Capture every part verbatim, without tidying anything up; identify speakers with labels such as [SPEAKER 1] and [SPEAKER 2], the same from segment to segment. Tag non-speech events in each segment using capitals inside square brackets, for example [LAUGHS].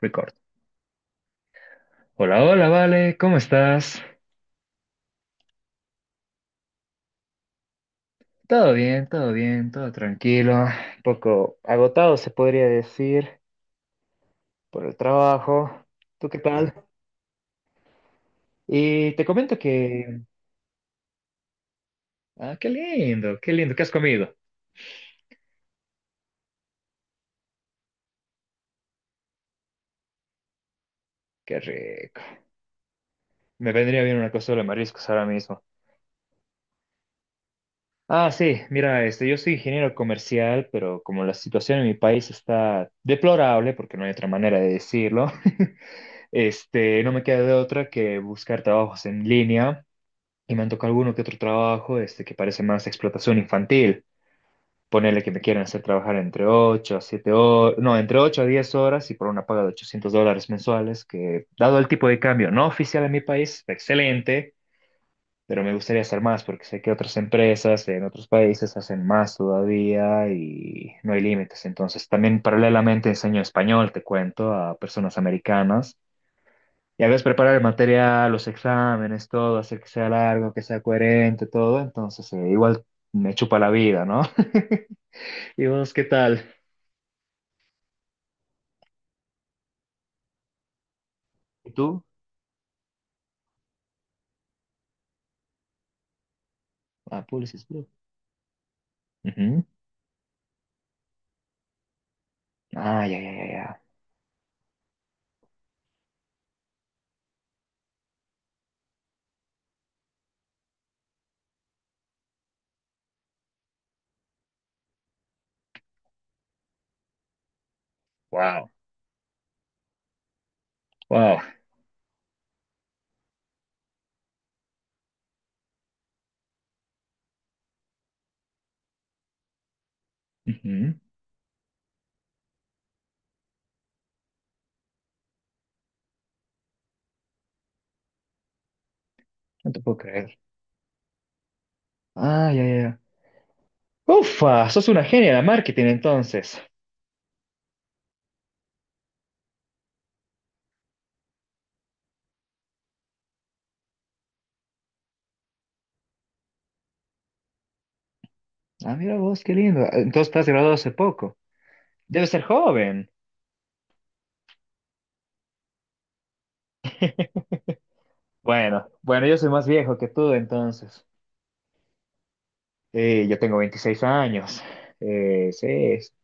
[SPEAKER 1] Record. Hola, hola, Vale, ¿cómo estás? Todo bien, todo bien, todo tranquilo. Un poco agotado, se podría decir, por el trabajo. ¿Tú qué tal? Y te comento que... Ah, qué lindo, qué lindo, ¿qué has comido? Qué rico. Me vendría bien una cazuela de mariscos ahora mismo. Ah, sí, mira, este, yo soy ingeniero comercial, pero como la situación en mi país está deplorable, porque no hay otra manera de decirlo, [LAUGHS] este, no me queda de otra que buscar trabajos en línea. Y me han tocado alguno que otro trabajo este, que parece más explotación infantil. Ponerle que me quieren hacer trabajar entre ocho a siete horas, no, entre ocho a diez horas y por una paga de ochocientos dólares mensuales, que dado el tipo de cambio no oficial en mi país, excelente, pero me gustaría hacer más porque sé que otras empresas en otros países hacen más todavía y no hay límites. Entonces, también paralelamente enseño español, te cuento, a personas americanas, ya ves, preparar el material, los exámenes, todo, hacer que sea largo, que sea coherente, todo. Entonces, eh, igual me chupa la vida, ¿no? [LAUGHS] ¿Y vos qué tal? ¿Y tú? Ah, Pulsis Blue. Ujú. Ah, ya, ya, ya, ya. Wow, wow. Ujú. No te puedo creer. Ah, ya, ya, ya. Ufa, sos una genia de marketing entonces. Ah, mira vos, qué lindo. Entonces estás graduado hace poco. Debes ser joven. Bueno, bueno, yo soy más viejo que tú entonces. Eh, yo tengo veintiséis años. Eh, sí, es-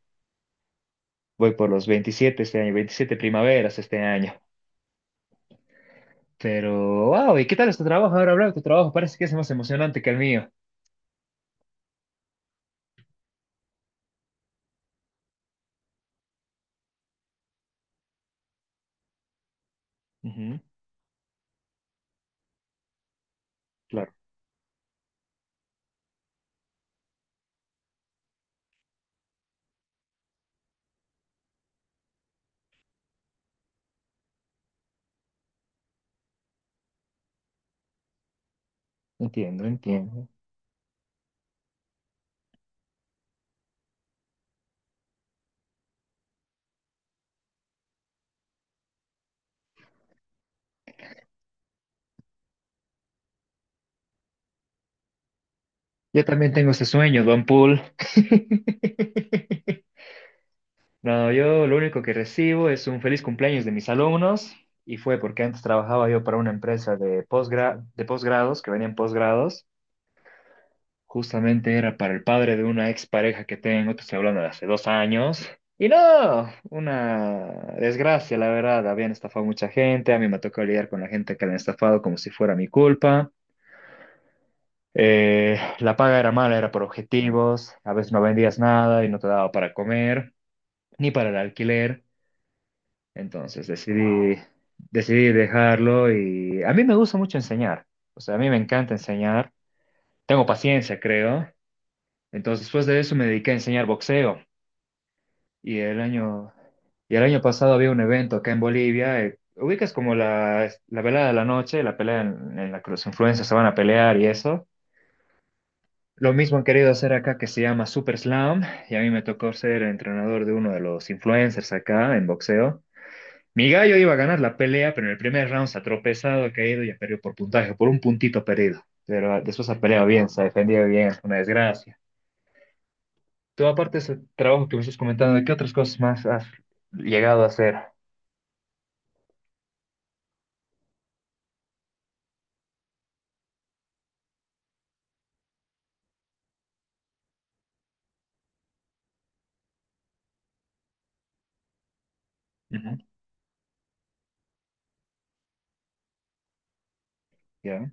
[SPEAKER 1] voy por los veintisiete este año, veintisiete primaveras este año. Pero, wow, ¿y qué tal es tu trabajo ahora, Blau? Tu trabajo parece que es más emocionante que el mío. Ujú, claro, entiendo, entiendo. Yo también tengo ese sueño, Don Pool. [LAUGHS] No, yo lo único que recibo es un feliz cumpleaños de mis alumnos y fue porque antes trabajaba yo para una empresa de posgra de posgrados, que venían posgrados. Justamente era para el padre de una expareja que tengo, te estoy hablando de hace dos años. Y no, una desgracia, la verdad. Habían estafado mucha gente, a mí me tocó lidiar con la gente que la han estafado como si fuera mi culpa. Eh, la paga era mala, era por objetivos, a veces no vendías nada y no te daba para comer, ni para el alquiler. Entonces decidí, decidí dejarlo y a mí me gusta mucho enseñar. O sea, a mí me encanta enseñar. Tengo paciencia, creo. Entonces, después de eso me dediqué a enseñar boxeo. Y el año, y el año pasado había un evento acá en Bolivia. eh, ubicas como la, la velada de la noche, la pelea en, en la que los influencers se van a pelear y eso. Lo mismo han querido hacer acá que se llama Super Slam. Y a mí me tocó ser entrenador de uno de los influencers acá en boxeo. Mi gallo iba a ganar la pelea, pero en el primer round se ha tropezado, ha caído y ha perdido por puntaje, por un puntito perdido. Pero ah, después ha peleado bien, se ha defendido bien, una desgracia. Tú, aparte de ese trabajo que me estás comentando, ¿qué otras cosas más has llegado a hacer? Ujú. Ya,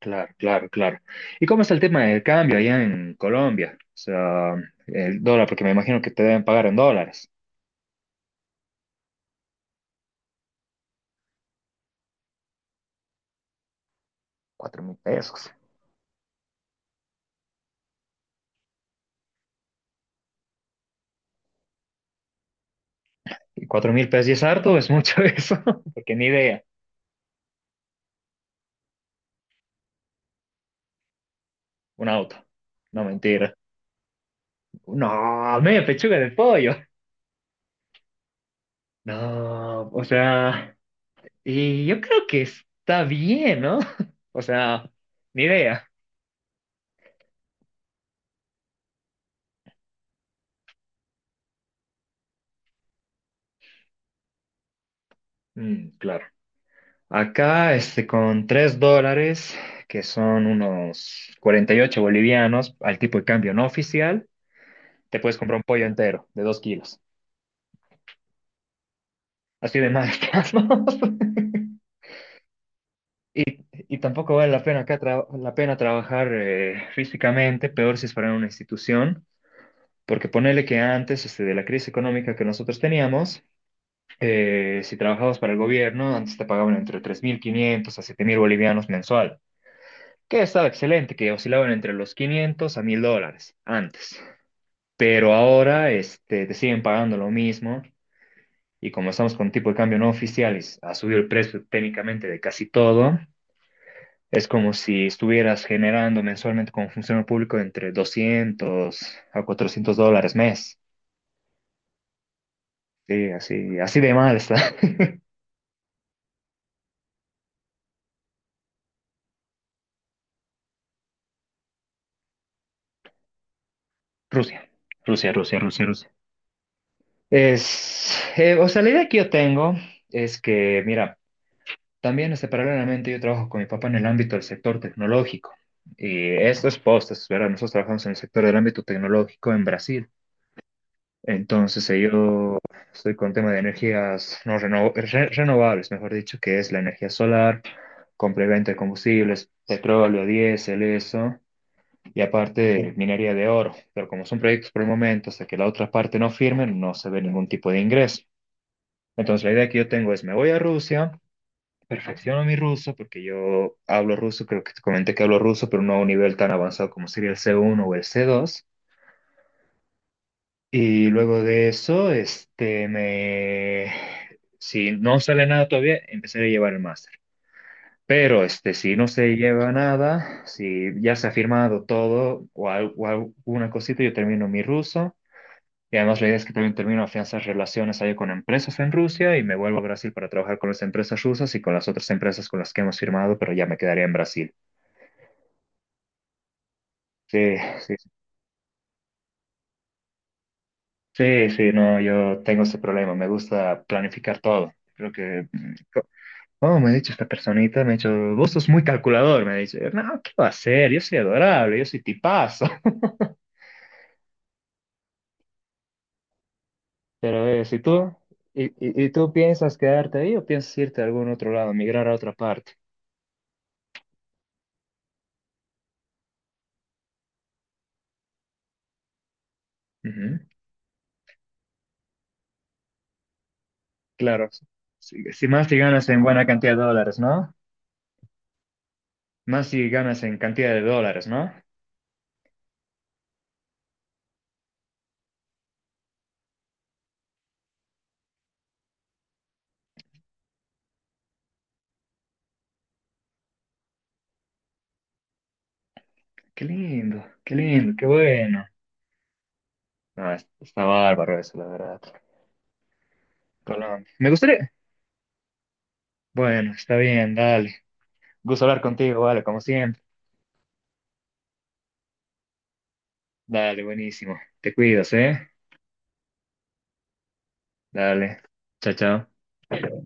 [SPEAKER 1] claro, claro, claro. ¿Y cómo está el tema del cambio allá en Colombia? O sea, el dólar, porque me imagino que te deben pagar en dólares. Cuatro mil pesos. ¿Y cuatro mil pesos y es harto? ¿Es mucho [LAUGHS] eso? Porque ni idea. Un auto. No, mentira. No, media pechuga de pollo. No, o sea, y yo creo que está bien, ¿no? [LAUGHS] O sea, ni idea. Mm, claro. Acá, este, con tres dólares, que son unos cuarenta y ocho bolivianos, al tipo de cambio no oficial, te puedes comprar un pollo entero de dos kilos. Así de mal estamos. [LAUGHS] Y, y tampoco vale la pena acá tra- la pena trabajar eh, físicamente, peor si es para una institución, porque ponele que antes este, de la crisis económica que nosotros teníamos, eh, si trabajabas para el gobierno, antes te pagaban entre tres mil quinientos a siete mil bolivianos mensual, que estaba excelente, que oscilaban entre los quinientos a mil dólares antes. Pero ahora este, te siguen pagando lo mismo y como estamos con tipo de cambio no oficial y s- ha subido el precio técnicamente de casi todo, es como si estuvieras generando mensualmente como funcionario público entre doscientos a cuatrocientos dólares mes. Sí, así, así de mal está. [LAUGHS] Rusia, Rusia, Rusia, Rusia, Rusia. Es, eh, o sea, la idea que yo tengo es que, mira, también, este, paralelamente, yo trabajo con mi papá en el ámbito del sector tecnológico. Y esto estos postes, ¿verdad? Nosotros trabajamos en el sector del ámbito tecnológico en Brasil. Entonces, eh, yo estoy con tema de energías no reno- re- renovables, mejor dicho, que es la energía solar, compra y de combustibles, petróleo, diésel, eso, y aparte minería de oro. Pero como son proyectos por el momento, hasta que la otra parte no firme, no se ve ningún tipo de ingreso. Entonces, la idea que yo tengo es, me voy a Rusia, perfecciono mi ruso porque yo hablo ruso, creo que te comenté que hablo ruso, pero no a un nivel tan avanzado como sería el C uno o el C dos. Y luego de eso, este, me... Si no sale nada todavía, empezaré a llevar el máster. Pero, este, si no se lleva nada, si ya se ha firmado todo o, al- o alguna cosita, yo termino mi ruso. Y además la idea es que también termino afianzar relaciones ahí con empresas en Rusia y me vuelvo a Brasil para trabajar con las empresas rusas y con las otras empresas con las que hemos firmado, pero ya me quedaría en Brasil. Sí, sí, sí, sí, no, yo tengo ese problema, me gusta planificar todo. Creo que, mm, co- ¿cómo me ha dicho esta personita? Me ha dicho, vos sos muy calculador, me ha dicho. No, ¿qué va a ser? Yo soy adorable, yo soy tipazo. [LAUGHS] Pero eh, si tú, y, y- y tú piensas quedarte ahí o piensas irte a algún otro lado, ¿migrar a otra parte? Ujú, claro, si, si más si ganas en buena cantidad de dólares, ¿no? Más si ganas en cantidad de dólares, ¿no? Qué lindo, qué lindo, qué bueno. No, es- está bárbaro eso, la verdad. Colombia. Me gustaría. Bueno, está bien, dale. Gusto hablar contigo, vale, como siempre. Dale, buenísimo. Te cuidas, ¿eh? Dale. Chao, chao.